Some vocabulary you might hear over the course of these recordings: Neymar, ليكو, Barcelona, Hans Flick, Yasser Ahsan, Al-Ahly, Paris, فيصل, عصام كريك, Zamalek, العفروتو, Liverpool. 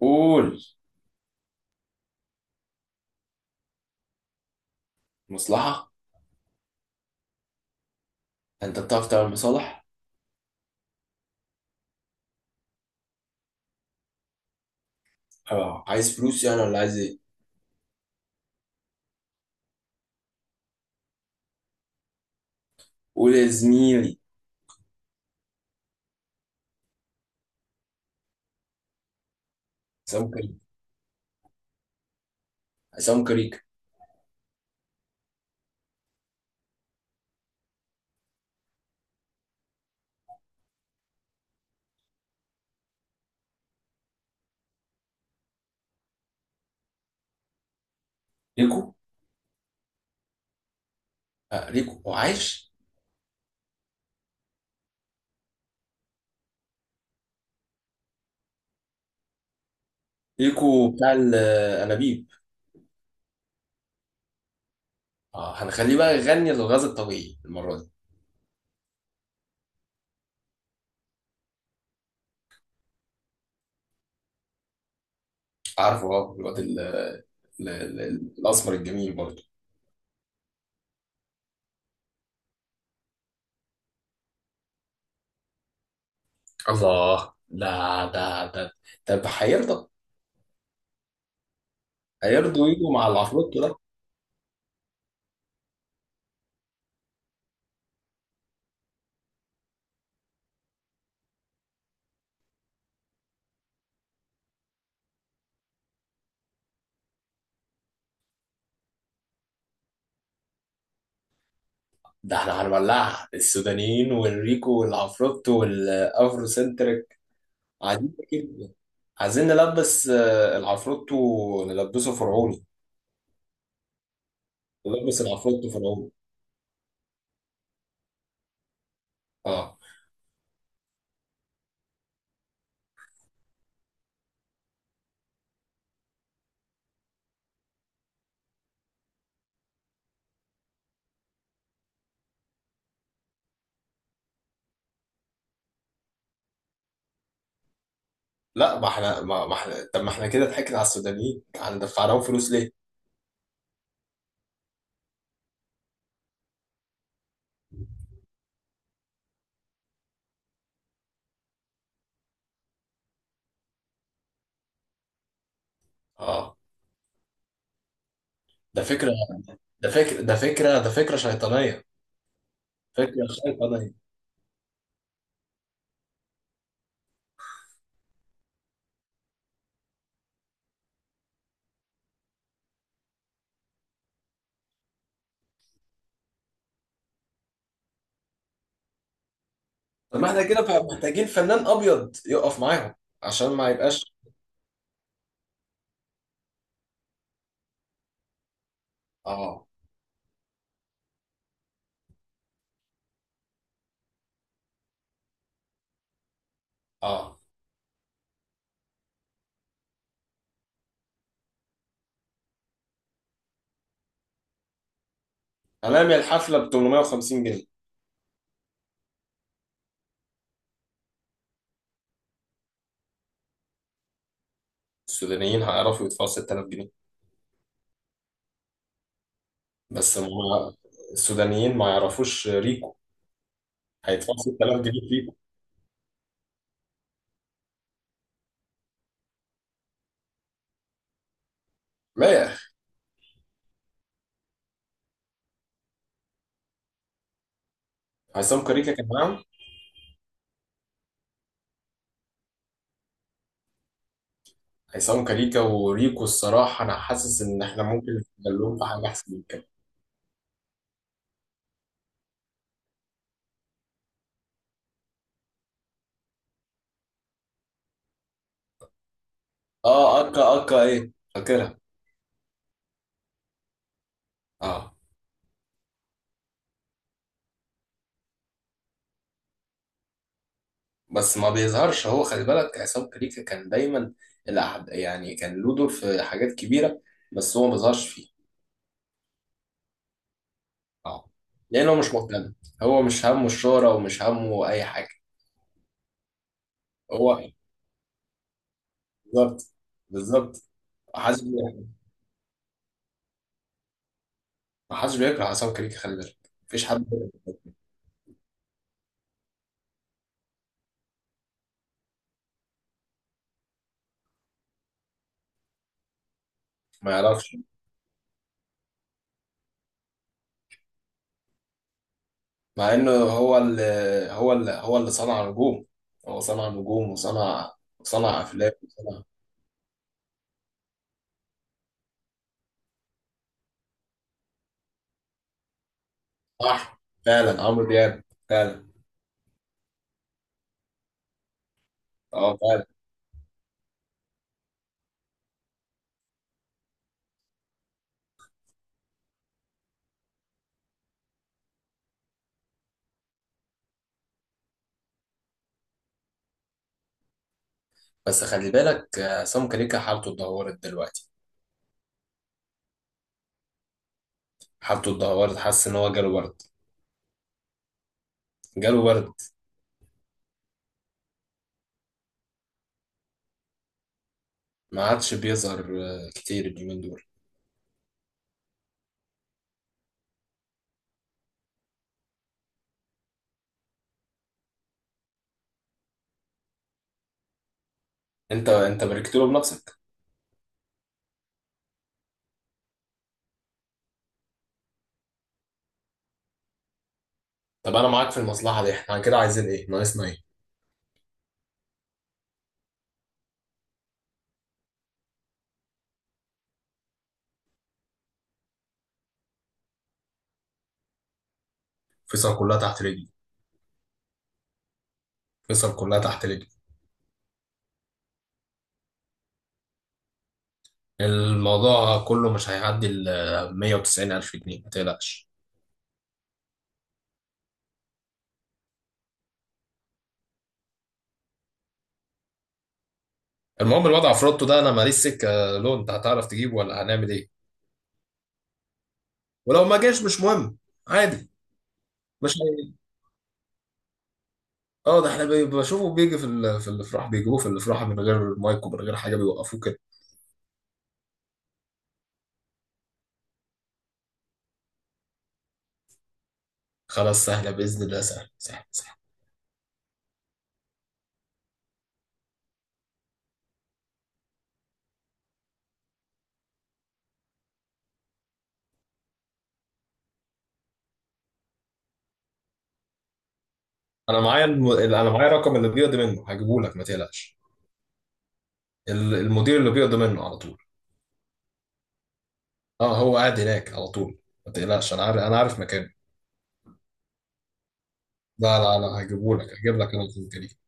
قول. مصلحة. انت بتعرف تعمل مصالح. اه، عايز فلوس يعني ولا عايز ايه؟ قول يا زميلي. عصام كريك. عصام كريك. ليكو. آه، ليكو هو عايش. ليكو بتاع الانابيب. اه، هنخليه بقى يغني للغاز الطبيعي المرة دي. عارفه، اه الواد الاسمر الجميل برضه. الله، ده طب هيرضى؟ هيرضوا يجوا مع العفروتو ده؟ ده احنا هنولعها السودانيين والريكو والعفروتو والافرو سنتر. عايزين كده. عايزين نلبس العفروتو نلبسه فرعوني. نلبس العفروتو فرعوني. اه. لا، ما احنا ما احنا، طب ما احنا كده ضحكنا على السودانيين هندفع لهم فلوس ليه؟ اه. ده فكره ده فكره شيطانيه. فكره شيطانيه. طب ما احنا كده بقى محتاجين فنان ابيض يقف معاهم عشان ما يبقاش. اه. اه، هنعمل الحفله ب 850 جنيه. السودانيين هيعرفوا يدفعوا 6000 جنيه. بس ما. السودانيين ما يعرفوش ريكو. هيدفعوا 6000 جنيه فيكم. لا يا اخي. عصام كاريكا كمان. عصام كاريكا وريكو، الصراحه انا حاسس ان احنا ممكن نستغلهم في حاجه احسن من كده. اه، اكا اكا ايه؟ فاكرها. اه. بس ما بيظهرش، هو خلي بالك عصام كاريكا كان دايما الأحد يعني كان له دور في حاجات كبيره، بس هو ما بيظهرش فيه. اه. لانه مش مهتم. هو مش همه الشهره ومش همه اي حاجه. هو. بالظبط. بالظبط. ما حدش بي- ما حدش بيكره عصام كاريكا خلي بالك. مفيش حد. ما يعرفش. مع انه هو اللي صنع نجوم. هو صنع نجوم وصنع. صنع افلام وصنع. صح، فعلا عمرو دياب. فعلا. اه، فعلا. بس خلي بالك عصام كاريكا حالته اتدهورت دلوقتي. حالته اتدهورت. حاسس ان هو جاله برد. جاله برد. ما عادش بيظهر كتير اليومين دول. انت باركت له بنفسك. طب انا معاك في المصلحه دي. احنا كده عايزين ايه؟ ناقصنا ايه؟ فيصل كلها تحت رجلي. فيصل كلها تحت رجلي. الموضوع كله مش هيعدي ال 190 ألف جنيه، ما تقلقش. المهم الوضع في روتو ده، انا ماليش سكه، لو انت هتعرف تجيبه ولا هنعمل ايه. ولو ما جاش مش مهم. عادي. مش هي- اه، ده احنا بشوفه بيجي في في الافراح، بيجيبوه في الافراح من غير مايك ومن غير حاجه بيوقفوه كده. خلاص، سهله باذن الله. سهل سهل سهل. انا معايا رقم اللي بيقضي منه، هجيبه لك ما تقلقش. المدير اللي بيقضي منه على طول. اه، هو قاعد هناك على طول. ما تقلقش، انا عارف مكانه. لا لا لا، هجيب لك انا الفلوس دي.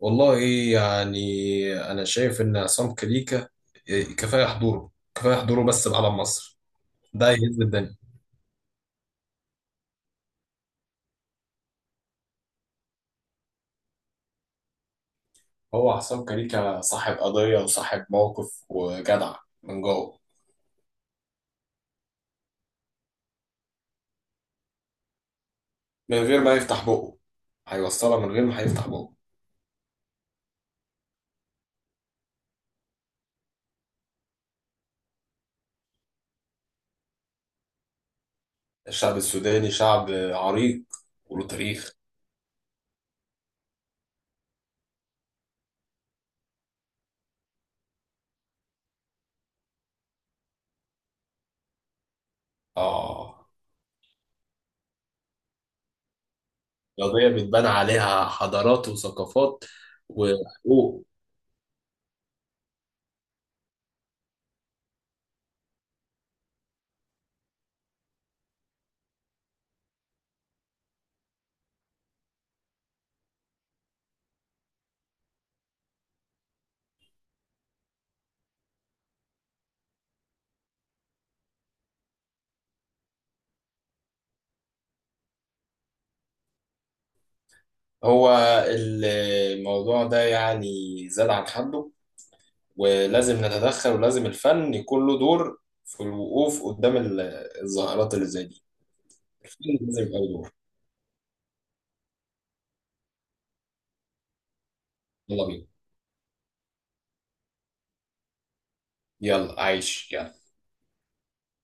والله، يعني، انا شايف ان عصام كليكا كفايه حضوره، كفايه حضوره بس بعلم مصر. ده يهز الدنيا. هو حسام كاريكا صاحب قضية وصاحب موقف وجدع من جوه. من غير ما يفتح بقه هيوصلها، من غير ما هيفتح بقه. الشعب السوداني شعب عريق وله تاريخ. آه. قضية بتبان عليها حضارات وثقافات وحقوق. هو الموضوع ده يعني زاد عن حده، ولازم نتدخل، ولازم الفن يكون له دور في الوقوف قدام الظاهرات اللي زي دي. الفن لازم يبقى له دور. يلا بينا. يلا، عايش، يلا.